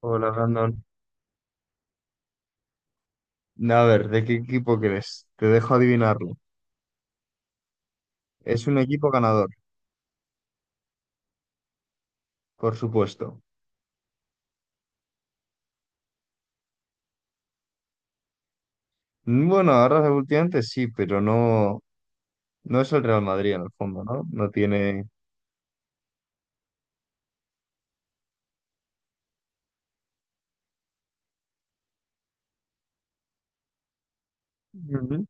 Hola, Brandon. A ver, ¿de qué equipo crees? Te dejo adivinarlo. Es un equipo ganador, por supuesto. Bueno, ahora últimamente sí, pero no, no es el Real Madrid en el fondo, ¿no? No tiene... Ujú.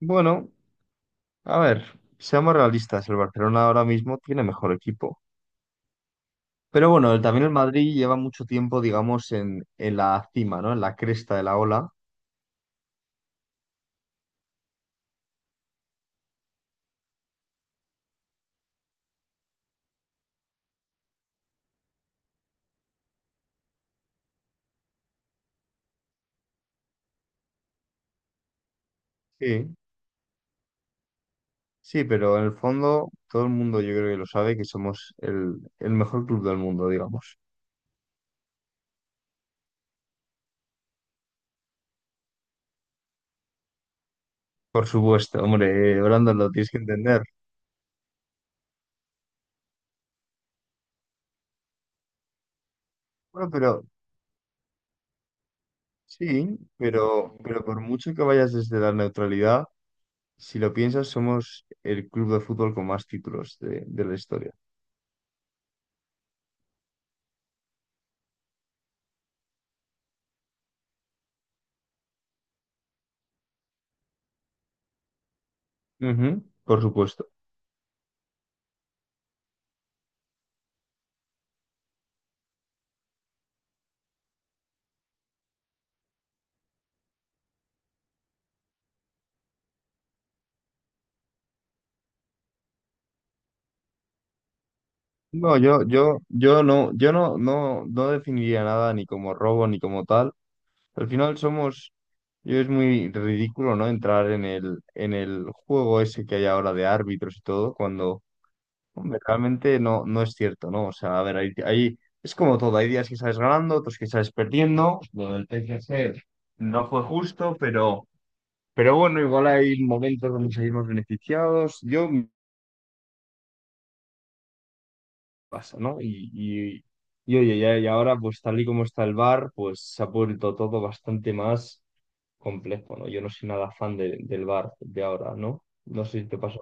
Bueno, a ver, seamos realistas, el Barcelona ahora mismo tiene mejor equipo. Pero bueno, también el Madrid lleva mucho tiempo, digamos, en la cima, ¿no? En la cresta de la ola. Sí. Sí, pero en el fondo todo el mundo yo creo que lo sabe que somos el mejor club del mundo, digamos. Por supuesto, hombre, Brandon, lo tienes que entender. Bueno, pero sí, pero por mucho que vayas desde la neutralidad, si lo piensas, somos el club de fútbol con más títulos de la historia. Ujú, por supuesto. No, yo no, yo no, no, no definiría nada ni como robo ni como tal. Al final somos, yo es muy ridículo, ¿no? Entrar en el juego ese que hay ahora de árbitros y todo, cuando hombre, realmente no, no es cierto, ¿no? O sea, a ver, ahí es como todo, hay días que sales ganando, otros que sales perdiendo. Lo del PSG no fue justo, pero bueno, igual hay momentos donde salimos beneficiados. Yo me pasa, ¿no? Y oye, ya, y ahora, pues tal y como está el bar pues se ha vuelto todo bastante más complejo, ¿no? Yo no soy nada fan del bar de ahora, ¿no? No sé si te pasa.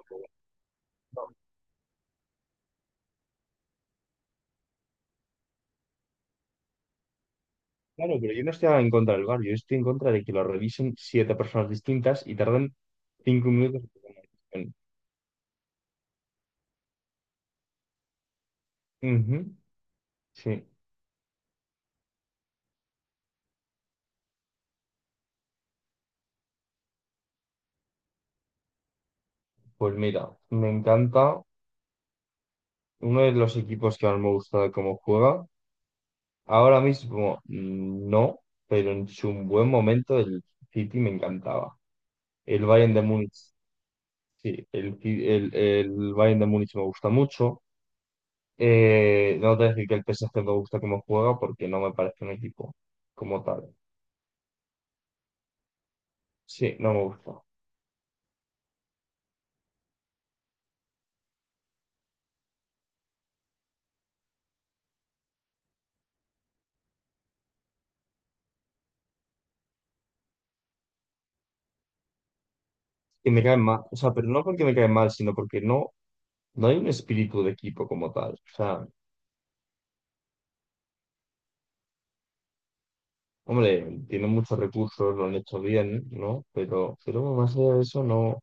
Claro, pero yo no estoy en contra del VAR, yo estoy en contra de que lo revisen siete personas distintas y tardan 5 minutos en tomar una decisión. Ujú. Sí, pues mira, me encanta uno de los equipos que más me gusta de cómo juega. Ahora mismo no, pero en su buen momento el City me encantaba. El Bayern de Múnich, sí, el Bayern de Múnich me gusta mucho. No te voy a decir que el PSG me gusta cómo juega porque no me parece un equipo como tal. Sí, no me gusta. Que me caen mal, o sea, pero no porque me caen mal, sino porque no, no hay un espíritu de equipo como tal. O sea, hombre, tienen muchos recursos, lo han hecho bien, ¿no? Pero más allá de eso, no,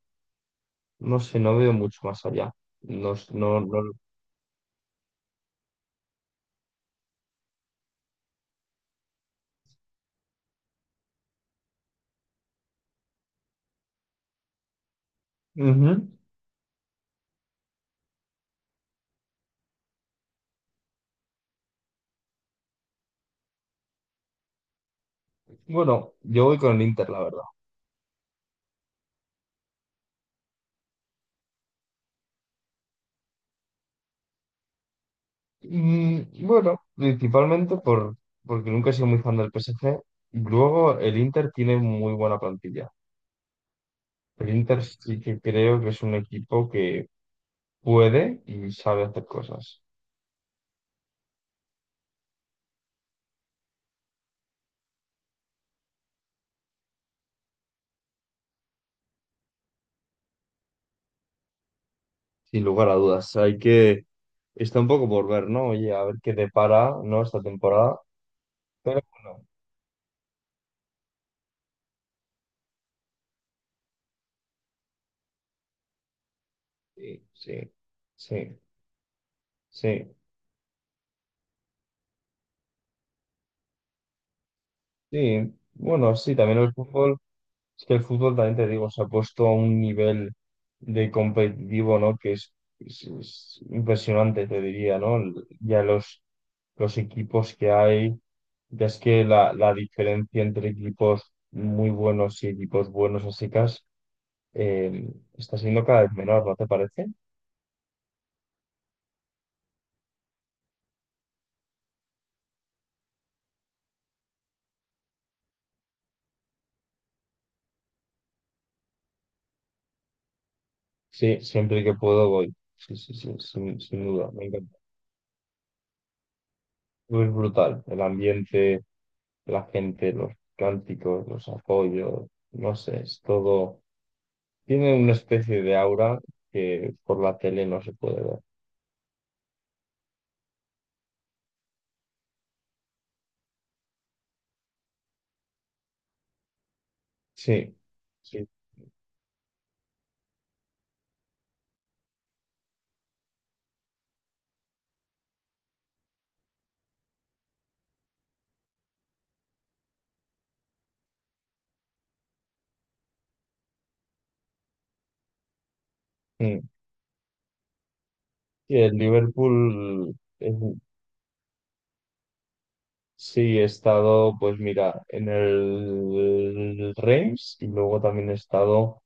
no sé, no veo mucho más allá. No, no, no. Ujú. Bueno, yo voy con el Inter, la verdad. Bueno, principalmente por, porque nunca he sido muy fan del PSG. Luego, el Inter tiene muy buena plantilla. El Inter sí que creo que es un equipo que puede y sabe hacer cosas. Sin lugar a dudas. Hay que. Está un poco por ver, ¿no? Oye, a ver qué depara, ¿no? Esta temporada. Pero bueno, sí, sí, sí, sí, sí. Bueno, sí, también el fútbol. Es que el fútbol también te digo, se ha puesto a un nivel de competitivo, ¿no? Que es, es impresionante, te diría, ¿no? Ya los equipos que hay. Ya es que la diferencia entre equipos muy buenos y equipos buenos así eh, está siendo cada vez menor, ¿no te parece? Sí, siempre que puedo voy. Sí, sí, sí, sin duda, me encanta. Es brutal, el ambiente, la gente, los cánticos, los apoyos, no sé, es todo. Tiene una especie de aura que por la tele no se puede ver. Sí, sí. Mm. Y el Liverpool, sí, he estado, pues mira, en el Reims y luego también he estado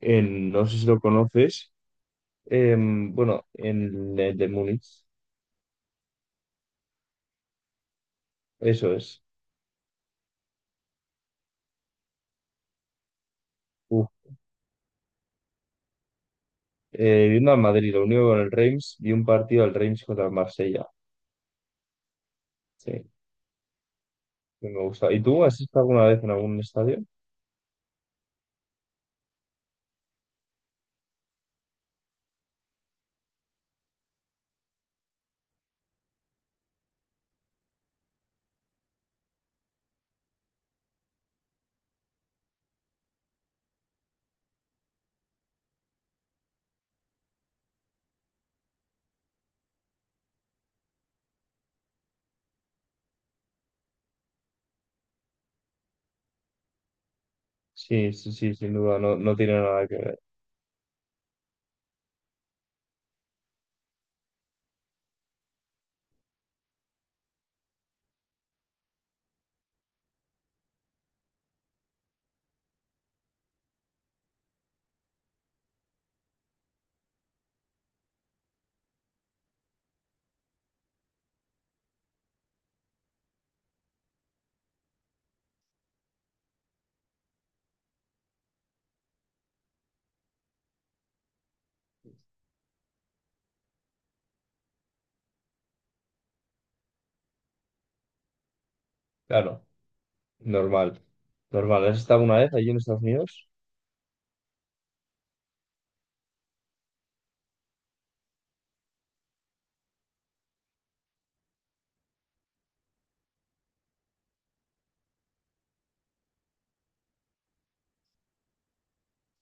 en, no sé si lo conoces, bueno, en el de Múnich, eso es. Uf. Viendo al Madrid, lo único con el Reims, vi un partido del Reims contra el Marsella. Sí, que me gusta. ¿Y tú has estado alguna vez en algún estadio? Sí, sí, sí, sin duda, no, no tiene nada que ver. Claro, normal. Normal. ¿Has estado alguna vez allí en Estados Unidos?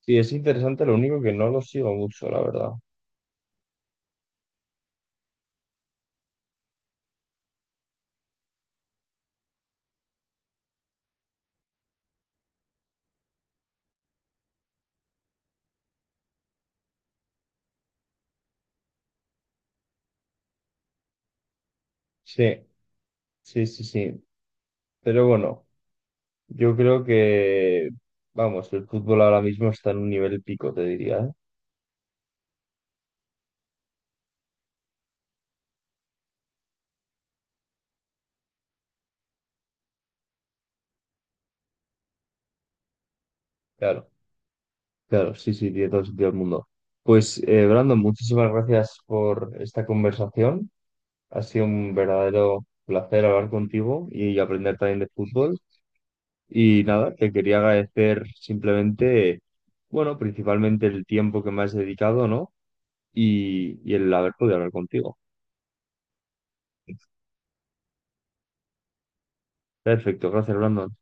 Sí, es interesante, lo único que no lo sigo mucho, la verdad. Sí, sí, sí, sí. Pero bueno, yo creo que, vamos, el fútbol ahora mismo está en un nivel pico, te diría, ¿eh? Claro. Claro, sí, sí, tiene todo el sentido del mundo. Pues, Brandon, muchísimas gracias por esta conversación. Ha sido un verdadero placer hablar contigo y aprender también de fútbol. Y nada, te quería agradecer simplemente, bueno, principalmente el tiempo que me has dedicado, ¿no? Y el haber podido hablar contigo. Perfecto, gracias, Brandon.